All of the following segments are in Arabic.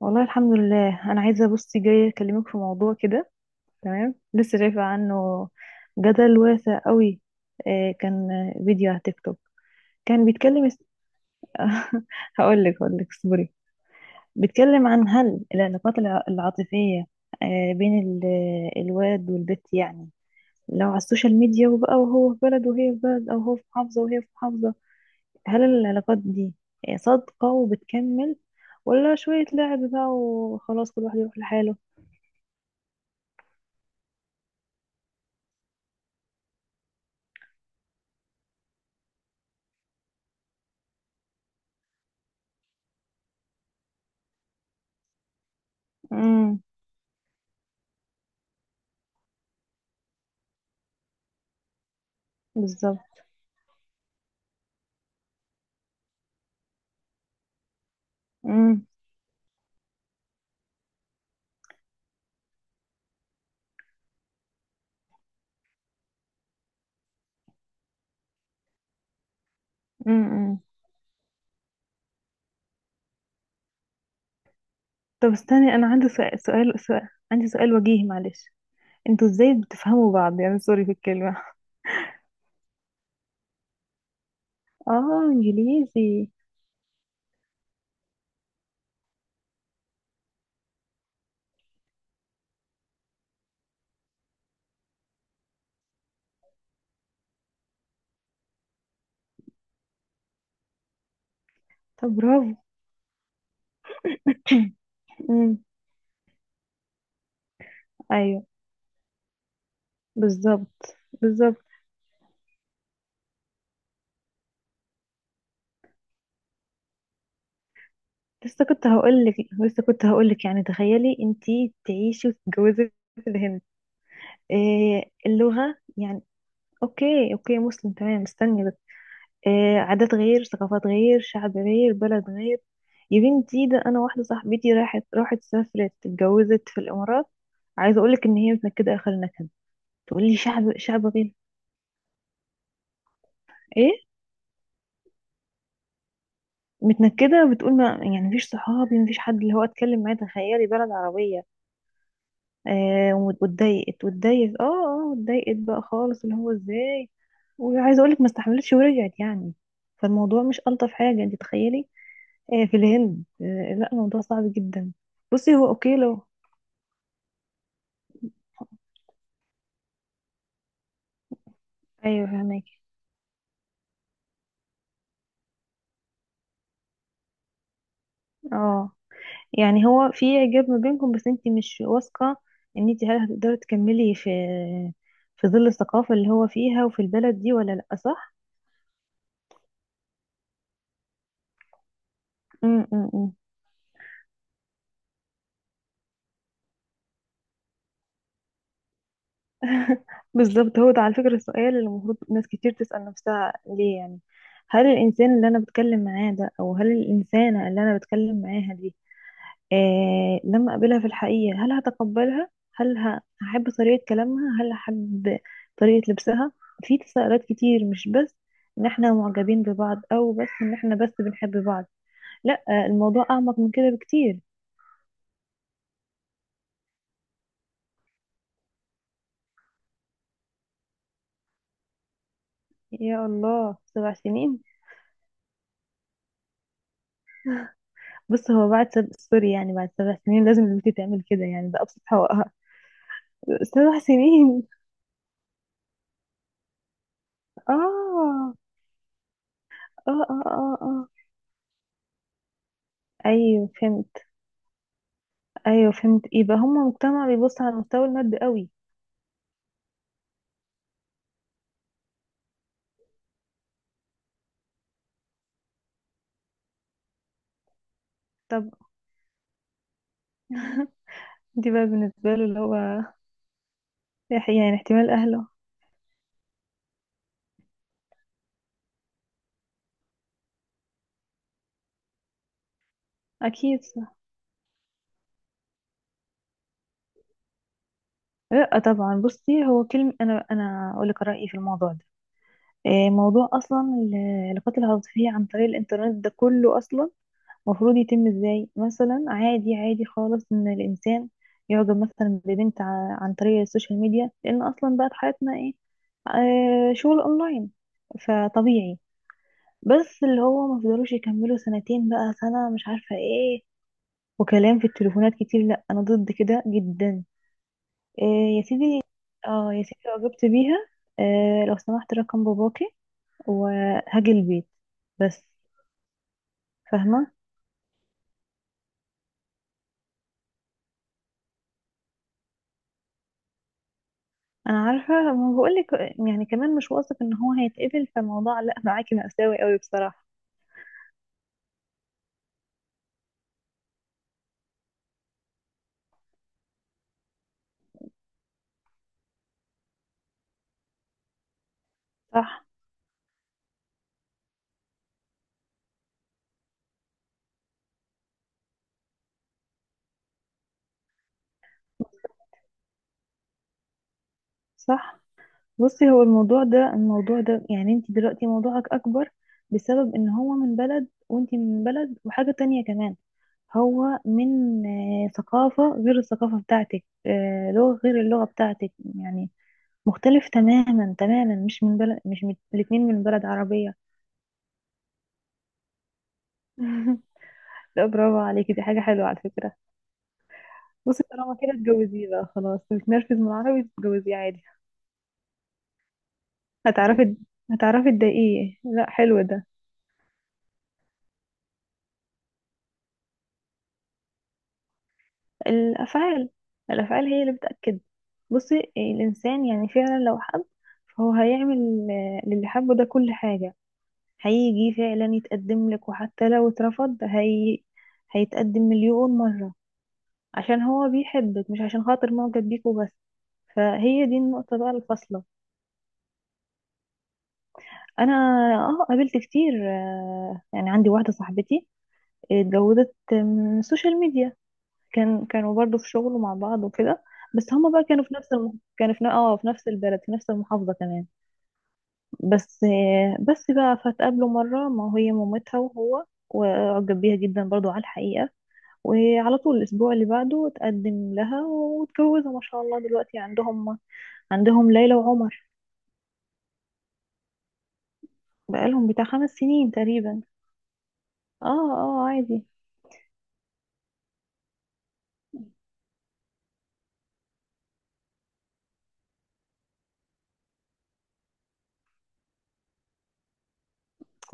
والله الحمد لله، انا عايزه. بصي، جايه اكلمك في موضوع كده. تمام، لسه شايفه عنه جدل واسع قوي. كان فيديو على تيك توك، كان هقول لك اصبري. بيتكلم عن هل العلاقات العاطفيه، بين الواد والبت يعني. لو على السوشيال ميديا وبقى وهو في بلد وهي في بلد، او هو في محافظه وهي في محافظه، هل العلاقات دي صادقة وبتكمل، ولا شوية لعب بقى وخلاص كل واحد يروح لحاله. امم. بالظبط. امم. امم. طب استني، انا عندي سؤال، عندي سؤال وجيهي معلش. انتوا ازاي بتفهموا بعض يعني، سوري في الكلمة. اه، انجليزي. طب برافو. امم. ايوه. بالظبط. بالظبط. لسه كنت هقول لك لسه كنت هقول لك يعني، تخيلي انتي تعيشي وتتجوزي في الهند. إيه اللغة يعني؟ اوكي، اوكي، مسلم، تمام استني بس. عادات غير، ثقافات غير، شعب غير، بلد غير. يا بنتي ده انا واحده صاحبتي راحت سافرت اتجوزت في الامارات. عايزه اقولك ان هي متنكده اخر نكد. تقول لي شعب شعب غير. ايه. متنكده، بتقول ما يعني مفيش صحابي، مفيش حد اللي هو اتكلم معاه. تخيلي، بلد عربيه. واتضايقت واتضايقت واتضايقت بقى خالص، اللي هو ازاي. وعايزه اقولك ما استحملتش ورجعت يعني. فالموضوع مش الطف حاجه. انت تخيلي في الهند. لا الموضوع صعب جدا. بصي هو اوكي لو ايوه فهمك. اه، يعني هو في اعجاب ما بينكم بس انت مش واثقه ان انت هل هتقدري تكملي في ظل الثقافه اللي هو فيها وفي البلد دي ولا لا، صح؟ أم أم أم. بالظبط، هو ده على فكره السؤال اللي المفروض ناس كتير تسال نفسها. ليه يعني؟ هل الانسان اللي انا بتكلم معاه ده، او هل الانسانه اللي انا بتكلم معاها دي، لما أقابلها في الحقيقة، هل هتقبلها؟ هل هحب طريقة كلامها؟ هل هحب طريقة لبسها؟ في تساؤلات كتير، مش بس إن إحنا معجبين ببعض، أو بس إن إحنا بس بنحب بعض. لأ، الموضوع أعمق من كده بكتير. يا الله، 7 سنين. بص، هو بعد سوري، يعني بعد 7 سنين لازم البنت تعمل كده، يعني ده أبسط حقوقها. 7 سنين. آه، آه، آه، آه، آه. أيوه فهمت. أيوه فهمت، إيه بقى، هما مجتمع بيبص على المستوى المادي قوي. طب دي بقى بالنسبة له اللي هو يعني احتمال أهله. أكيد، صح. لأ طبعا. بصي هو كلمة، أنا أقول لك رأيي في الموضوع ده. إيه، موضوع أصلا القتل العاطفي عن طريق الإنترنت ده كله، أصلا المفروض يتم إزاي؟ مثلا عادي، عادي خالص إن الإنسان يعجب مثلا ببنت عن طريق السوشيال ميديا، لأن أصلا بقت حياتنا إيه، شغل أونلاين، فطبيعي. بس اللي هو ما فضلوش يكملوا سنتين، بقى سنة، مش عارفة إيه، وكلام في التليفونات كتير. لا انا ضد كده جدا. إيه يا سيدي، اه يا سيدي اعجبت بيها، إيه لو سمحت رقم باباكي وهاجي البيت بس. فاهمه. انا عارفه ما بقولك، يعني كمان مش واثق ان هو هيتقبل، فالموضوع لا معاكي مأساوي قوي بصراحه. صح. صح. بصي هو الموضوع ده يعني، انت دلوقتي موضوعك اكبر بسبب ان هو من بلد وانت من بلد، وحاجه تانية كمان، هو من ثقافة غير الثقافة بتاعتك، لغة غير اللغة بتاعتك يعني. مختلف تماما تماما، مش من بلد، مش من الاتنين من بلد عربية. لا، برافو عليكي، دي حاجة حلوة على فكرة. بصي طالما كده اتجوزيه بقى، خلاص بتنرفز من العربي تتجوزيه عادي. هتعرفي هتعرفي تضايقيه، لا حلو ده. الأفعال، الأفعال هي اللي بتأكد. بصي الإنسان يعني فعلا لو حب فهو هيعمل للي حبه ده كل حاجة. هيجي فعلا يتقدم لك، وحتى لو اترفض هيتقدم مليون مرة عشان هو بيحبك، مش عشان خاطر معجب بيك وبس. فهي دي النقطة بقى الفاصلة. أنا اه قابلت كتير، يعني عندي واحدة صاحبتي اتجوزت من السوشيال ميديا. كانوا برضو في شغل مع بعض وكده، بس هما بقى كانوا في نفس كانوا في في نفس البلد، في نفس المحافظة كمان. بس بقى فتقابلوا مرة ما هي مامتها وهو، وأعجب بيها جدا برضو على الحقيقة. وعلى طول الأسبوع اللي بعده اتقدم لها واتجوزوا ما شاء الله، دلوقتي عندهم ليلى وعمر. بقالهم بتاع 5 سنين تقريبا. اه. اه، عادي.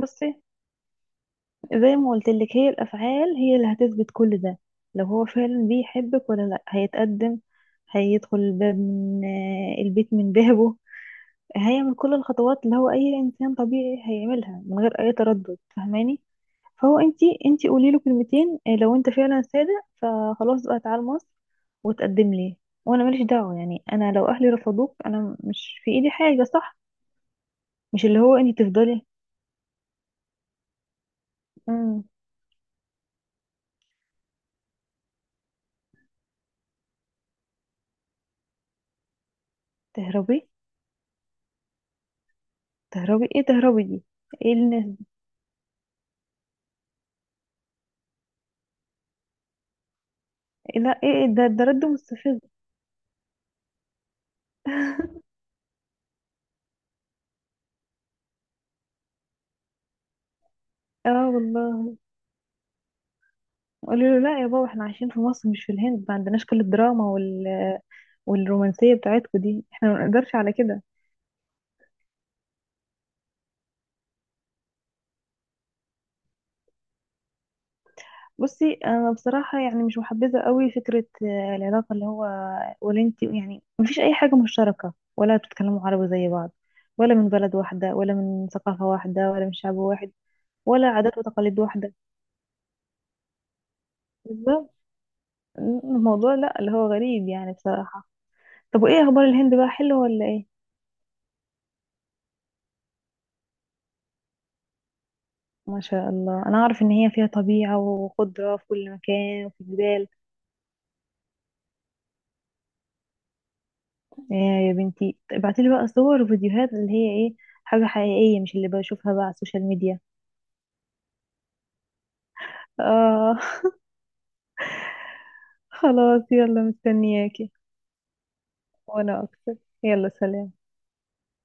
بصي زي ما قلت لك، هي الأفعال هي اللي هتثبت كل ده. لو هو فعلا بيحبك ولا لا هيتقدم، هيدخل الباب من البيت من بابه. هي من كل الخطوات اللي هو اي انسان طبيعي هيعملها من غير اي تردد، فاهماني؟ فهو، انتي قولي له كلمتين، إيه، لو انت فعلا صادق فخلاص بقى، تعال مصر وتقدم لي، وانا ماليش دعوه يعني، انا لو اهلي رفضوك انا مش في ايدي حاجه، صح؟ مش اللي هو انتي تفضلي. امم. تهربي، تهربي ايه تهربي دي، ايه الناس دي؟ إيه لا ايه إيه، ده رد مستفز. اه والله. قالوا له لا يا بابا، احنا عايشين في مصر مش في الهند، ما عندناش كل الدراما والرومانسية بتاعتكم دي، احنا ما نقدرش على كده. بصي انا بصراحة يعني مش محبذة قوي فكرة العلاقة اللي هو ولنتي يعني. مفيش اي حاجة مشتركة، ولا بتتكلموا عربي زي بعض، ولا من بلد واحدة، ولا من ثقافة واحدة، ولا من شعب واحد، ولا عادات وتقاليد واحدة. بالظبط. الموضوع لا، اللي هو غريب يعني بصراحة. طب وايه اخبار الهند بقى، حلو ولا ايه؟ ما شاء الله، انا اعرف ان هي فيها طبيعة وخضرة في كل مكان وفي جبال. آه، يا بنتي ابعتيلي بقى صور وفيديوهات اللي هي ايه، حاجة حقيقية مش اللي بشوفها بقى على السوشيال ميديا. اه. خلاص، يلا مستنياكي. وانا اكتر. يلا سلام.